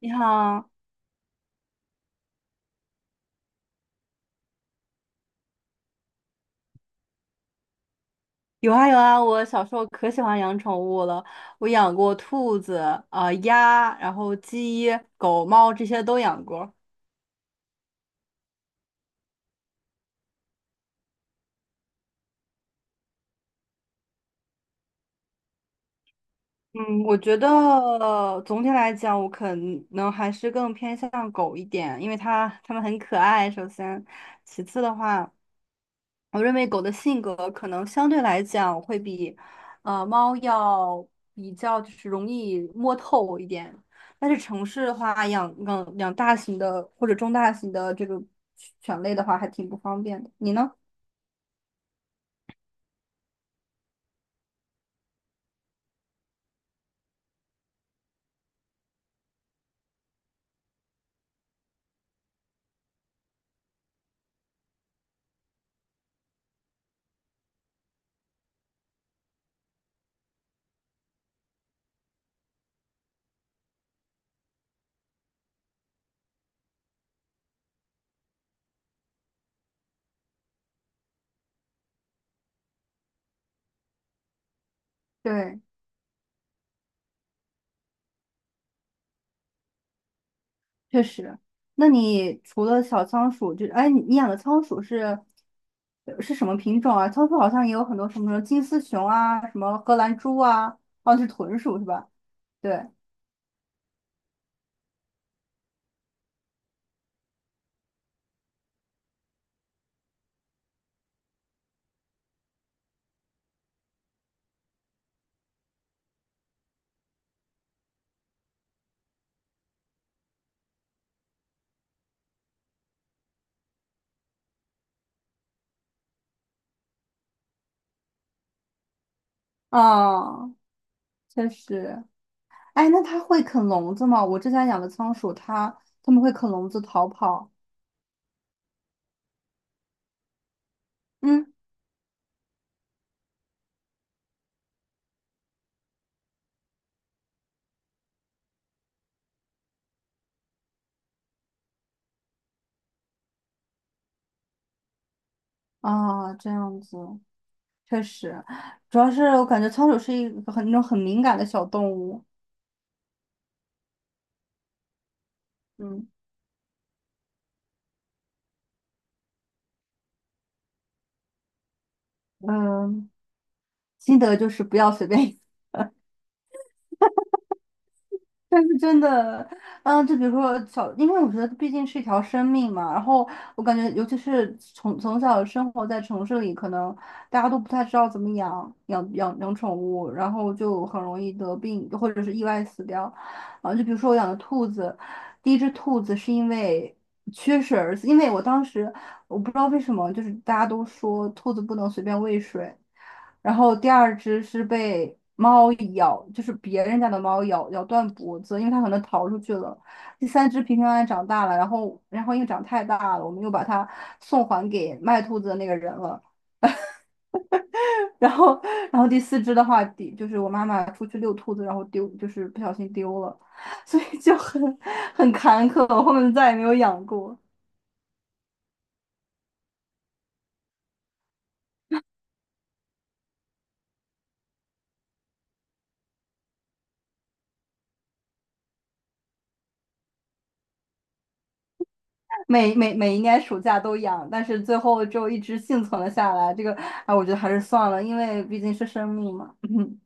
你好。有啊有啊，我小时候可喜欢养宠物了，我养过兔子、鸭，然后鸡、狗、猫这些都养过。嗯，我觉得总体来讲，我可能还是更偏向狗一点，因为它们很可爱，首先，其次的话，我认为狗的性格可能相对来讲会比，猫要比较就是容易摸透一点。但是城市的话，养大型的或者中大型的这个犬类的话，还挺不方便的。你呢？对，确实。那你除了小仓鼠，就哎，你养的仓鼠是是什么品种啊？仓鼠好像也有很多什么金丝熊啊，什么荷兰猪啊，哦，是豚鼠是吧？对。哦，确实。哎，那它会啃笼子吗？我之前养的仓鼠，它们会啃笼子逃跑。嗯，啊，这样子确实，主要是我感觉仓鼠是一个很那种很敏感的小动物。嗯，嗯，心得就是不要随便，但是真的，嗯，就比如说小，因为我觉得毕竟是一条生命嘛，然后我感觉，尤其是从小生活在城市里，可能大家都不太知道怎么养宠物，然后就很容易得病或者是意外死掉。啊，就比如说我养的兔子，第一只兔子是因为缺水而死，因为我当时我不知道为什么，就是大家都说兔子不能随便喂水。然后第二只是被猫咬，就是别人家的猫咬断脖子，因为它可能逃出去了。第三只平平安安长大了，然后因为长太大了，我们又把它送还给卖兔子的那个人了。然后然后第四只的话，第就是我妈妈出去遛兔子，然后丢，就是不小心丢了，所以就很坎坷，我后面再也没有养过。每每每一年暑假都养，但是最后就一直幸存了下来。这个，啊，我觉得还是算了，因为毕竟是生命嘛。嗯，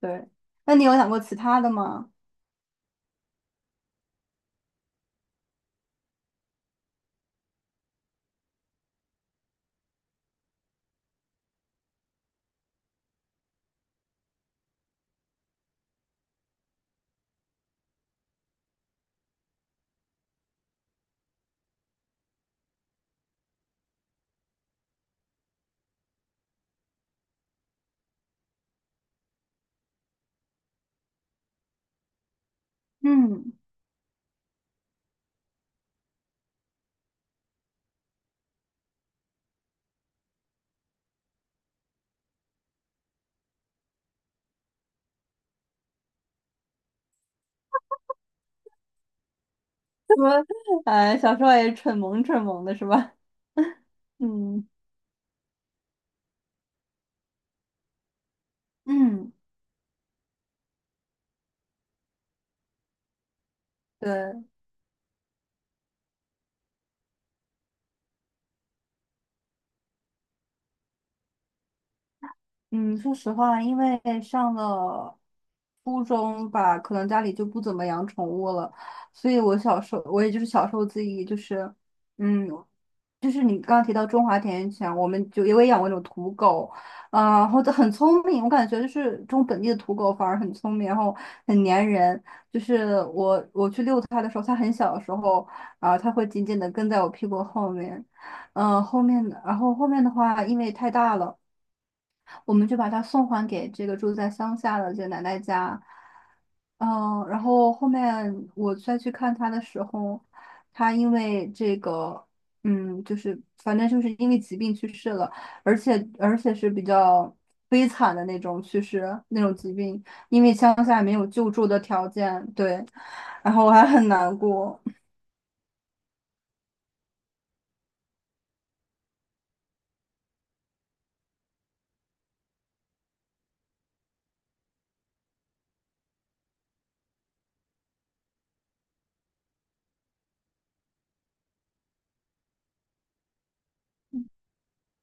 对。那你有养过其他的吗？嗯 什么？哎，小时候也蠢萌蠢萌的是吧？嗯嗯，对。嗯，说实话，因为上了初中吧，可能家里就不怎么养宠物了，所以我小时候，我也就是小时候自己就是，嗯，就是你刚刚提到中华田园犬，我们就也有养过那种土狗，啊、然后就很聪明，我感觉就是中本地的土狗反而很聪明，然后很粘人，就是我去遛它的时候，它很小的时候啊、它会紧紧的跟在我屁股后面，嗯、后面然后后面的话，因为太大了。我们就把它送还给这个住在乡下的这个奶奶家。嗯，然后后面我再去看他的时候，他因为这个，嗯，就是反正就是因为疾病去世了，而且是比较悲惨的那种去世，那种疾病，因为乡下没有救助的条件，对，然后我还很难过。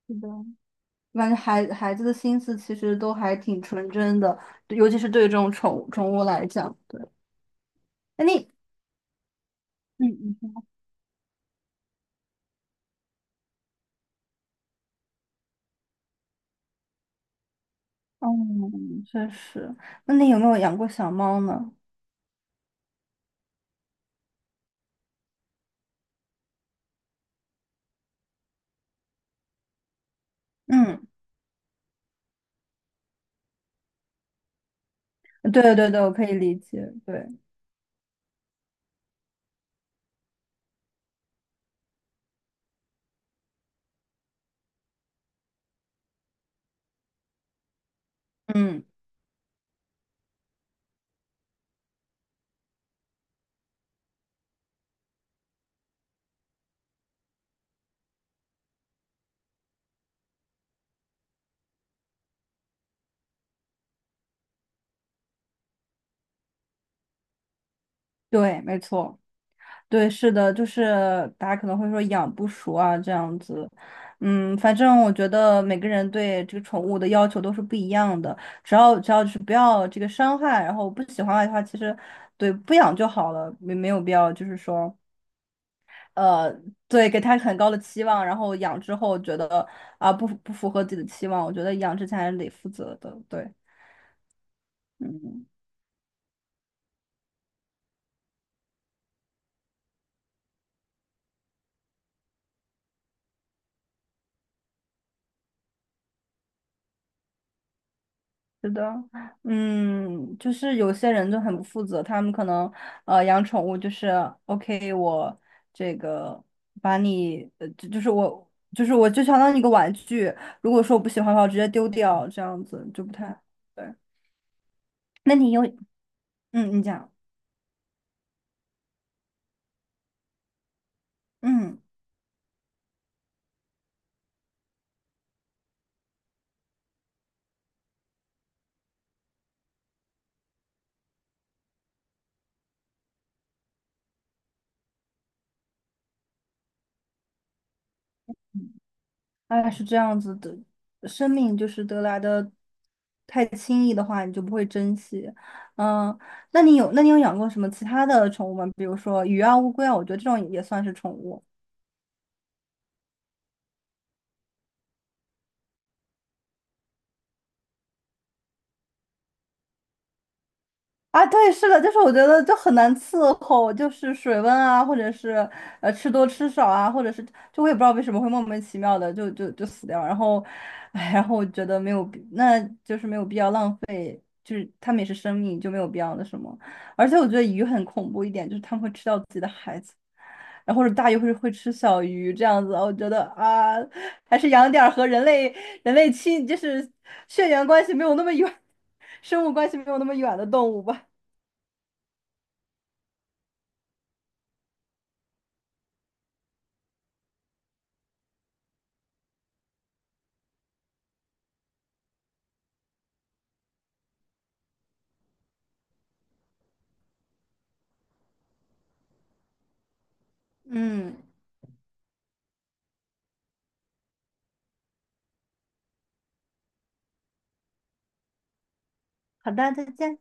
是的，我感觉孩子的心思其实都还挺纯真的，尤其是对这种宠物来讲，对。哎那你嗯嗯嗯，哦确实。那你有没有养过小猫呢？嗯，对对对，我可以理解。对，嗯，对，没错，对，是的，就是大家可能会说养不熟啊这样子。嗯，反正我觉得每个人对这个宠物的要求都是不一样的，只要就是不要这个伤害，然后不喜欢的话，其实对不养就好了，没有必要就是说。呃，对，给他很高的期望，然后养之后觉得啊、不符合自己的期望，我觉得养之前还是得负责的，对，嗯，是的，嗯，就是有些人就很不负责，他们可能养宠物就是 OK，我这个把你就是我就相当于一个玩具，如果说我不喜欢的话，我直接丢掉，这样子就不太对。那你有嗯，你讲嗯。哎，是这样子的，生命就是得来的太轻易的话，你就不会珍惜。嗯，那你有养过什么其他的宠物吗？比如说鱼啊、乌龟啊，我觉得这种也算是宠物。啊，对，是的，就是我觉得就很难伺候，就是水温啊，或者是吃多吃少啊，或者是就我也不知道为什么会莫名其妙的就死掉，然后，哎，然后我觉得没有必，那就是没有必要浪费。就是他们也是生命，就没有必要的什么。而且我觉得鱼很恐怖一点，就是他们会吃掉自己的孩子，然后或者大鱼会吃小鱼这样子。我觉得啊，还是养点儿和人类亲，就是血缘关系没有那么远，生物关系没有那么远的动物吧。嗯，好的，再见。